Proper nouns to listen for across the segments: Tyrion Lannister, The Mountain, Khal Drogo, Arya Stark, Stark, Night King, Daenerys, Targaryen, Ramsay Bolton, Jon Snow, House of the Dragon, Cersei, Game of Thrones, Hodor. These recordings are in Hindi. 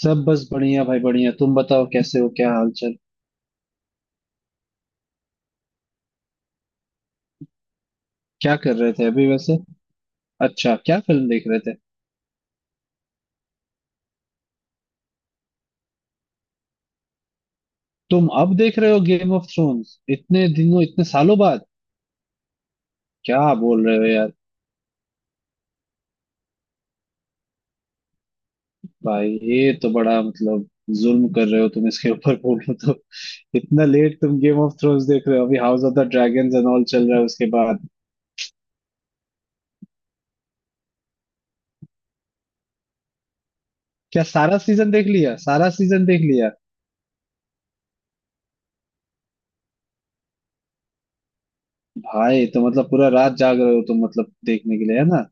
सब बस बढ़िया भाई बढ़िया। तुम बताओ कैसे हो, क्या हाल चाल? क्या कर रहे थे अभी वैसे? अच्छा, क्या फिल्म देख रहे थे? तुम अब देख रहे हो गेम ऑफ थ्रोन्स इतने दिनों इतने सालों बाद? क्या बोल रहे हो यार। भाई ये तो बड़ा मतलब जुल्म कर रहे हो तुम इसके ऊपर, बोलो तो। इतना लेट तुम गेम ऑफ थ्रोन्स देख रहे हो, अभी House of the Dragons and all चल रहा है उसके बाद। क्या सारा सीजन देख लिया, सारा सीजन देख लिया? भाई तो मतलब पूरा रात जाग रहे हो तुम मतलब देखने के लिए, है ना?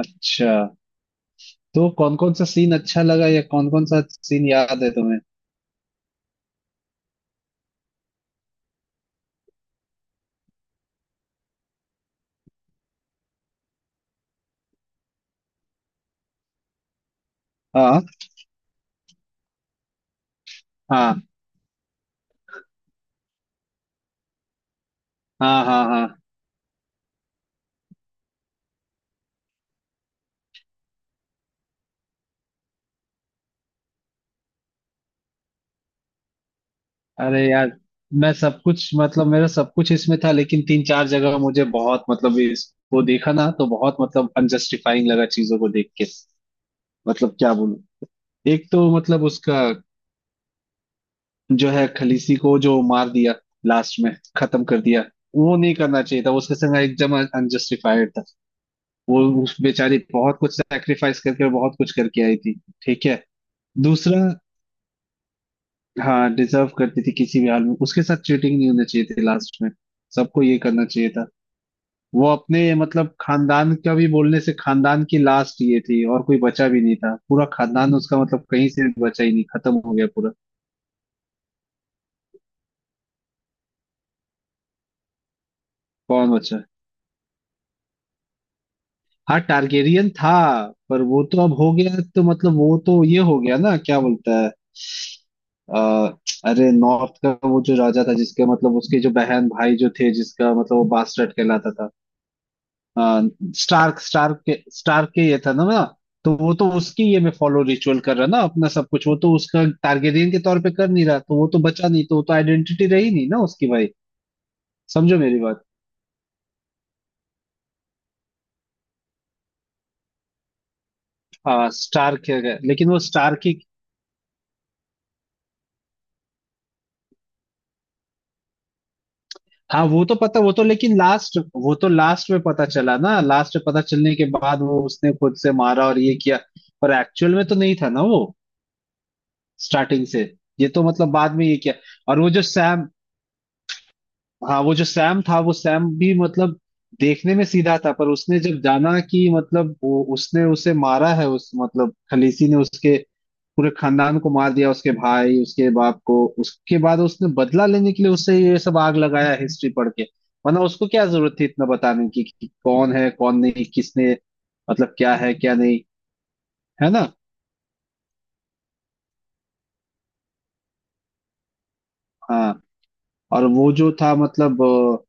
अच्छा। तो कौन कौन सा सीन अच्छा लगा या कौन कौन सा सीन याद है तुम्हें? हाँ हाँ हाँ। हाँ हाँ। अरे यार, मैं सब कुछ मतलब मेरा सब कुछ इसमें था, लेकिन तीन चार जगह मुझे बहुत मतलब इसको देखा ना तो बहुत मतलब अनजस्टिफाइंग लगा चीजों को देख के। मतलब क्या बोलूं। एक तो मतलब उसका जो है, खलीसी को जो मार दिया लास्ट में, खत्म कर दिया, वो नहीं करना चाहिए था उसके संग। एकदम अनजस्टिफाइड था। वो उस बेचारी बहुत कुछ सैक्रिफाइस करके और बहुत कुछ करके आई थी। ठीक है। दूसरा, हाँ डिजर्व करती थी, किसी भी हाल में उसके साथ चीटिंग नहीं होना चाहिए थी लास्ट में। सबको ये करना चाहिए था। वो अपने मतलब खानदान का भी बोलने से, खानदान की लास्ट ये थी, और कोई बचा भी नहीं था, पूरा खानदान उसका मतलब कहीं से भी बचा ही नहीं, खत्म हो गया पूरा। कौन बचा? हाँ टारगेरियन था। पर वो तो अब हो गया तो मतलब वो तो ये हो गया ना, क्या बोलता है। अ, अरे नॉर्थ का वो जो राजा था जिसके मतलब उसके जो बहन भाई जो थे जिसका मतलब वो बास्टर्ड कहलाता था। आ, स्टार्क स्टार्क के ये था ना ना। तो वो तो उसकी ये में फॉलो रिचुअल कर रहा ना अपना सब कुछ, वो तो उसका टारगेरियन के तौर पे कर नहीं रहा, तो वो तो बचा नहीं, तो वो तो आइडेंटिटी रही नहीं ना उसकी, भाई समझो मेरी बात। हाँ स्टार्क है लेकिन वो स्टार्क ही। हाँ वो तो पता, वो तो लेकिन लास्ट, वो तो लास्ट में पता चला ना, लास्ट में पता चलने के बाद वो उसने खुद से मारा और ये किया। पर एक्चुअल में तो नहीं था ना वो स्टार्टिंग से। ये तो मतलब बाद में ये किया। और वो जो सैम, हाँ वो जो सैम था वो सैम भी मतलब देखने में सीधा था, पर उसने जब जाना कि मतलब वो उसने उसे मारा है, उस मतलब खलीसी ने उसके पूरे खानदान को मार दिया, उसके भाई, उसके बाप को, उसके बाद उसने बदला लेने के लिए उससे ये सब आग लगाया हिस्ट्री पढ़ के। वरना उसको क्या जरूरत थी इतना बताने की कि कौन है कौन नहीं, किसने मतलब क्या है क्या नहीं, है ना। हाँ। और वो जो था मतलब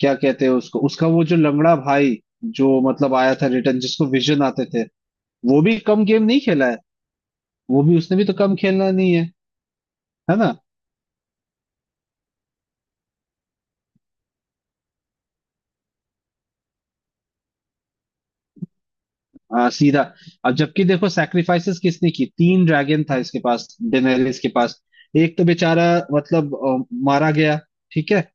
क्या कहते हैं उसको, उसका वो जो लंगड़ा भाई जो मतलब आया था रिटर्न, जिसको विजन आते थे। वो भी कम गेम नहीं खेला है। वो भी उसने भी तो कम खेलना नहीं है। है ना। सीधा। अब जबकि देखो सैक्रिफाइसेस किसने की, तीन ड्रैगन था इसके पास, डेनेरिस के पास। एक तो बेचारा मतलब मारा गया, ठीक है,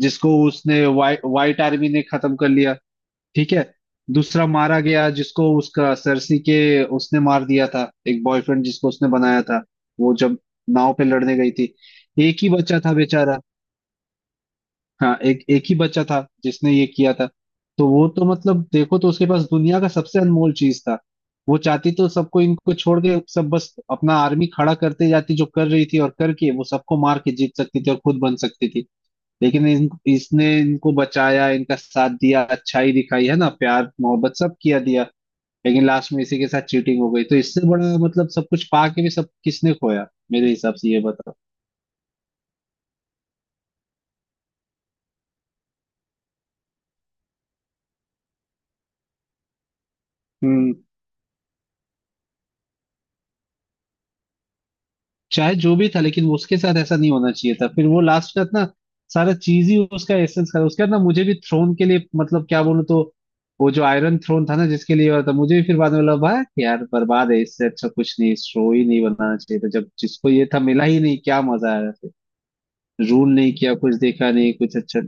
जिसको उसने वाइट आर्मी ने खत्म कर लिया, ठीक है। दूसरा मारा गया जिसको उसका सरसी के उसने मार दिया था, एक बॉयफ्रेंड जिसको उसने बनाया था, वो जब नाव पे लड़ने गई थी। एक ही बच्चा था बेचारा। हाँ एक एक ही बच्चा था जिसने ये किया था। तो वो तो मतलब देखो, तो उसके पास दुनिया का सबसे अनमोल चीज था। वो चाहती तो सबको इनको छोड़ के सब बस अपना आर्मी खड़ा करते जाती जो कर रही थी, और करके वो सबको मार के जीत सकती थी और खुद बन सकती थी। लेकिन इसने इनको बचाया, इनका साथ दिया, अच्छाई दिखाई, है ना, प्यार मोहब्बत सब किया दिया। लेकिन लास्ट में इसी के साथ चीटिंग हो गई, तो इससे बड़ा मतलब सब कुछ पा के भी सब किसने खोया, मेरे हिसाब से ये। बताओ, चाहे जो भी था लेकिन उसके साथ ऐसा नहीं होना चाहिए था। फिर वो लास्ट का ना सारा चीज ही उसका एसेंस का उसके बाद ना, मुझे भी थ्रोन के लिए मतलब क्या बोलूं तो। वो जो आयरन थ्रोन था ना जिसके लिए हुआ था, मुझे भी फिर बाद में लगा भाई यार बर्बाद है, इससे अच्छा कुछ नहीं, शो ही नहीं बनाना चाहिए था जब जिसको ये था मिला ही नहीं, क्या मजा आया फिर। रूल नहीं किया कुछ, देखा नहीं कुछ अच्छा।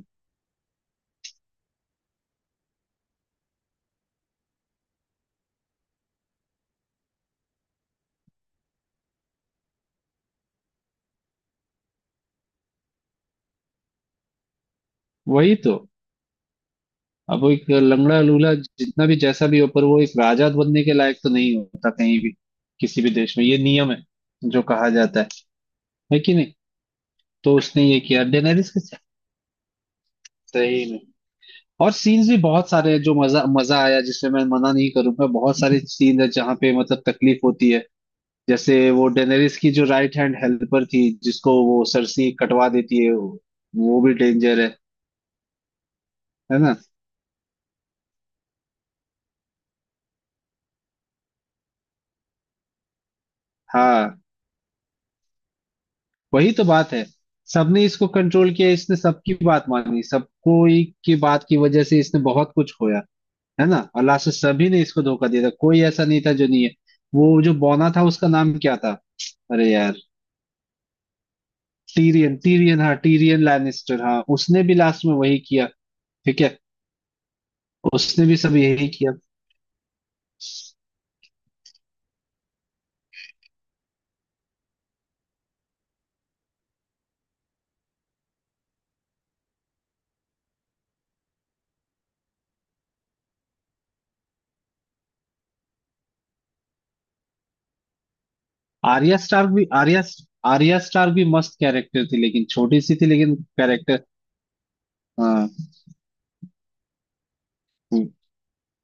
वही तो। अब वो एक लंगड़ा लूला जितना भी जैसा भी हो पर वो एक राजा बनने के लायक तो नहीं होता कहीं भी, किसी भी देश में ये नियम है जो कहा जाता है कि नहीं। तो उसने ये किया डेनेरिस के साथ। सही में। और सीन्स भी बहुत सारे हैं जो मजा मजा आया जिसमें मैं मना नहीं करूंगा, बहुत सारे सीन है जहाँ पे मतलब तकलीफ होती है। जैसे वो डेनेरिस की जो राइट हैंड हेल्पर थी जिसको वो सरसी कटवा देती है वो भी डेंजर है ना। हाँ। वही तो बात है। सबने इसको कंट्रोल किया, इसने सबकी बात मानी, सबको ही की बात की वजह से इसने बहुत कुछ खोया, है ना, और लास्ट में सभी ने इसको धोखा दिया था, कोई ऐसा नहीं था जो नहीं है। वो जो बौना था उसका नाम क्या था, अरे यार। टीरियन, टीरियन, हाँ टीरियन लैनिस्टर, हाँ उसने भी लास्ट में वही किया। ठीक है। उसने भी सब यही किया। आर्या स्टार्क भी, आर्या आर्या स्टार्क भी मस्त कैरेक्टर थी, लेकिन छोटी सी थी लेकिन। कैरेक्टर। हाँ। हम्म,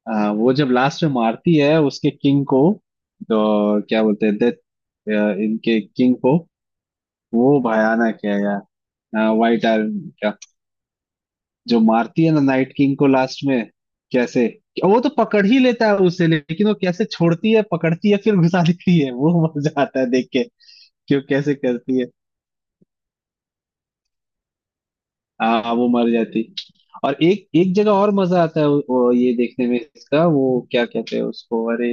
हाँ, वो जब लास्ट में मारती है उसके किंग को तो क्या बोलते हैं, डेथ। इनके किंग को, वो भयानक है यार। हाँ, व्हाइट आयरन जो मारती है ना नाइट किंग को लास्ट में, कैसे। वो तो पकड़ ही लेता है उसे, लेकिन वो कैसे छोड़ती है पकड़ती है फिर घुसा देती है, वो मजा आता है देख के कि वो कैसे करती है। हाँ वो मर जाती। और एक एक जगह और मजा आता है वो ये देखने में इसका वो क्या कहते हैं उसको, अरे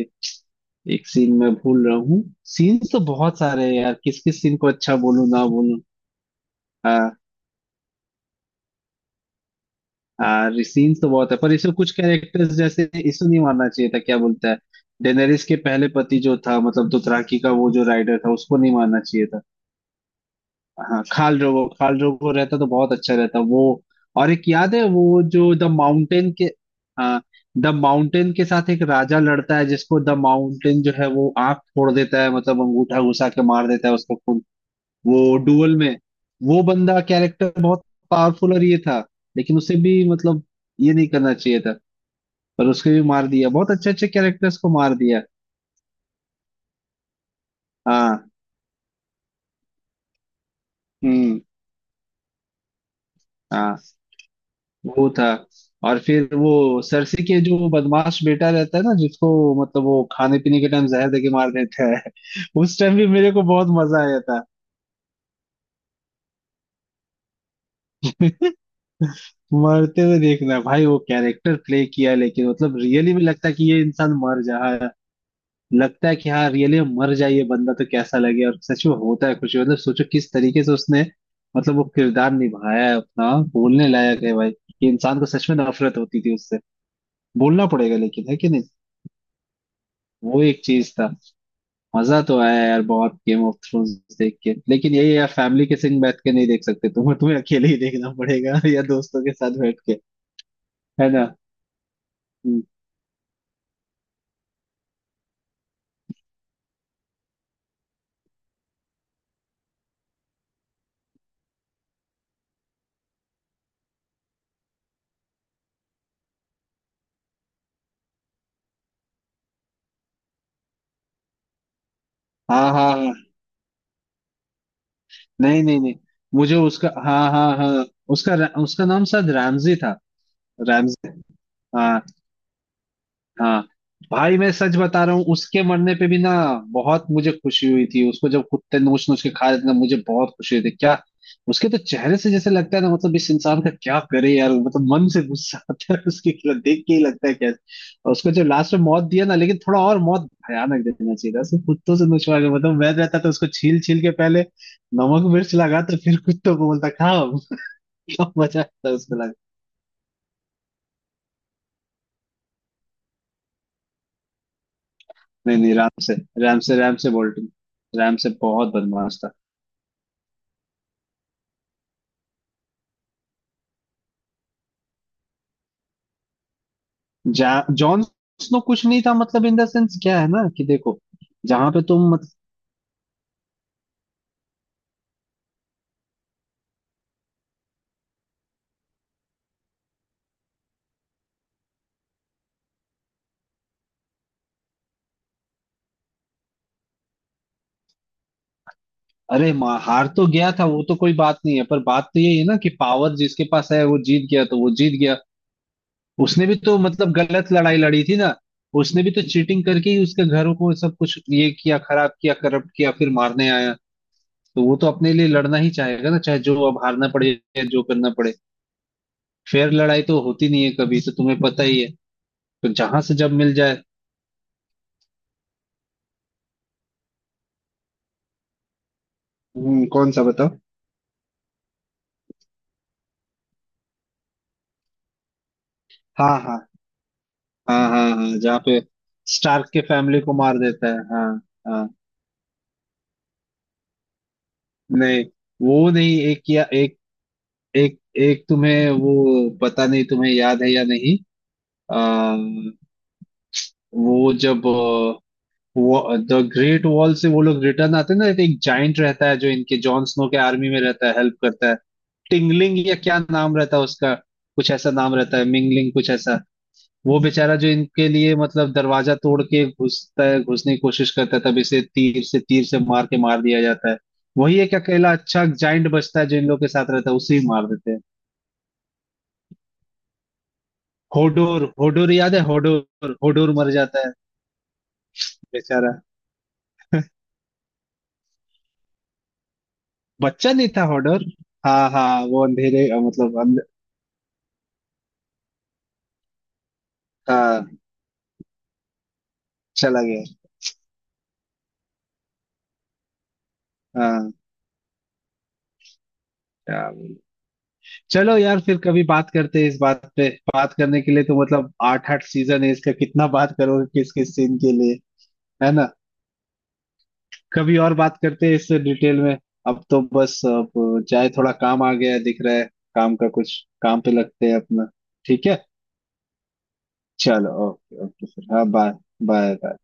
एक सीन मैं भूल रहा हूँ। सीन्स तो बहुत सारे हैं यार, किस किस सीन को अच्छा बोलूं ना बोलूं। सीन्स तो बहुत है, पर इसमें कुछ कैरेक्टर्स जैसे इसको नहीं मारना चाहिए था, क्या बोलता है, डेनेरिस के पहले पति जो था मतलब दोथराकी का वो जो राइडर था, उसको नहीं मारना चाहिए था। हाँ खाल ड्रोगो, खाल ड्रोगो रहता तो बहुत अच्छा रहता वो। और एक याद है वो जो द माउंटेन के, हाँ द माउंटेन के साथ एक राजा लड़ता है जिसको द माउंटेन जो है वो आंख फोड़ देता है, मतलब अंगूठा घुसा के मार देता है उसका खून, वो डुअल में। वो बंदा कैरेक्टर बहुत पावरफुल और ये था, लेकिन उसे भी मतलब ये नहीं करना चाहिए था। पर उसके भी मार दिया, बहुत अच्छे अच्छे कैरेक्टर्स को मार दिया। हाँ हम्म हाँ वो था। और फिर वो सरसी के जो बदमाश बेटा रहता है ना जिसको मतलब वो खाने पीने के टाइम जहर देके मार देता है। उस टाइम भी मेरे को बहुत मजा आया था। मरते हुए देखना भाई, वो कैरेक्टर प्ले किया लेकिन मतलब रियली भी लगता है कि ये इंसान मर जा, लगता है कि हाँ रियली मर जाए ये बंदा तो कैसा लगे, और सच में होता है कुछ मतलब सोचो किस तरीके से उसने मतलब वो किरदार निभाया है अपना, बोलने लायक है भाई कि इंसान को सच में नफरत होती थी उससे, बोलना पड़ेगा, लेकिन है कि नहीं। वो एक चीज था। मजा तो आया यार बहुत गेम ऑफ थ्रोन्स देख के, लेकिन यही यार फैमिली के संग बैठ के नहीं देख सकते, तुम्हें तुम्हें अकेले ही देखना पड़ेगा या दोस्तों के साथ बैठ के। है ना। हम्म, हाँ। हाँ हाँ नहीं नहीं नहीं, मुझे उसका हाँ हाँ हाँ, उसका उसका नाम शायद रैमजी था। रैमजी। हाँ। हाँ भाई मैं सच बता रहा हूँ, उसके मरने पे भी ना, बहुत मुझे खुशी हुई थी। उसको जब कुत्ते नोच नोच के खा रहे थे ना, मुझे बहुत खुशी हुई थी, क्या। उसके तो चेहरे से जैसे लगता है ना, मतलब इस इंसान का क्या करे यार, मतलब मन से गुस्सा आता है उसके खिलाफ देख के ही लगता है कैसे। और उसको जब लास्ट में मौत दिया ना, लेकिन थोड़ा और मौत भयानक दे देना चाहिए था उसको, कुत्तों से नोचवा के, मतलब मैं रहता तो उसको छील छील के पहले नमक मिर्च लगा तो फिर कुत्तों को बोलता खाओ मजा आता उसको। नहीं नहीं, राम से, राम से, राम से बोल्टन, राम से बहुत बदमाश था। जा जॉन स्नो कुछ नहीं था, मतलब इन द सेंस क्या है ना कि देखो, जहां पे तुम मत। अरे माँ, हार तो गया था वो तो कोई बात नहीं है, पर बात तो यही है ना कि पावर जिसके पास है वो जीत गया तो वो जीत गया। उसने भी तो मतलब गलत लड़ाई लड़ी थी ना, उसने भी तो चीटिंग करके ही उसके घरों को सब कुछ ये किया, खराब किया, करप्ट किया, फिर मारने आया। तो वो तो अपने लिए लड़ना ही चाहेगा ना, चाहे जो अब हारना पड़े या जो करना पड़े। फेयर लड़ाई तो होती नहीं है कभी, तो तुम्हें पता ही है, तो जहां से जब मिल जाए। कौन सा बताओ? हाँ हाँ हाँ। हाँ हाँ जहाँ पे स्टार्क के फैमिली को मार देता है, हाँ हाँ। नहीं वो नहीं, एक या एक एक एक तुम्हें वो पता नहीं, तुम्हें याद है या नहीं। आ, वो जब द ग्रेट वॉल से वो लोग रिटर्न आते हैं ना, तो एक जाइंट रहता है जो इनके जॉन स्नो के आर्मी में रहता है, हेल्प करता है। टिंगलिंग या क्या नाम रहता है उसका, कुछ ऐसा नाम रहता है, मिंगलिंग कुछ ऐसा। वो बेचारा जो इनके लिए मतलब दरवाजा तोड़ के घुसता है, घुसने की कोशिश करता है, तब इसे तीर से मार के मार दिया जाता है। वही एक अकेला अच्छा जाइंट बचता है जो इन लोग के साथ रहता है, उसे ही मार देते हैं। होडोर, होडोर याद है, होडोर, होडोर मर जाता है बेचारा। बच्चा नहीं था होडोर। हाँ हाँ वो अंधेरे मतलब हाँ, चला गया। हाँ, क्या बोलूं। चलो यार फिर कभी बात करते हैं इस बात पे। बात करने के लिए तो मतलब आठ आठ सीजन है इसका, कितना बात करोगे, किस किस सीन के लिए। है ना। कभी और बात करते हैं इससे डिटेल में। अब तो बस अब चाहे थोड़ा काम आ गया है, दिख रहा है, काम का कुछ काम पे लगते हैं अपना। ठीक है। चलो ओके ओके, फिर हाँ बाय। बाय।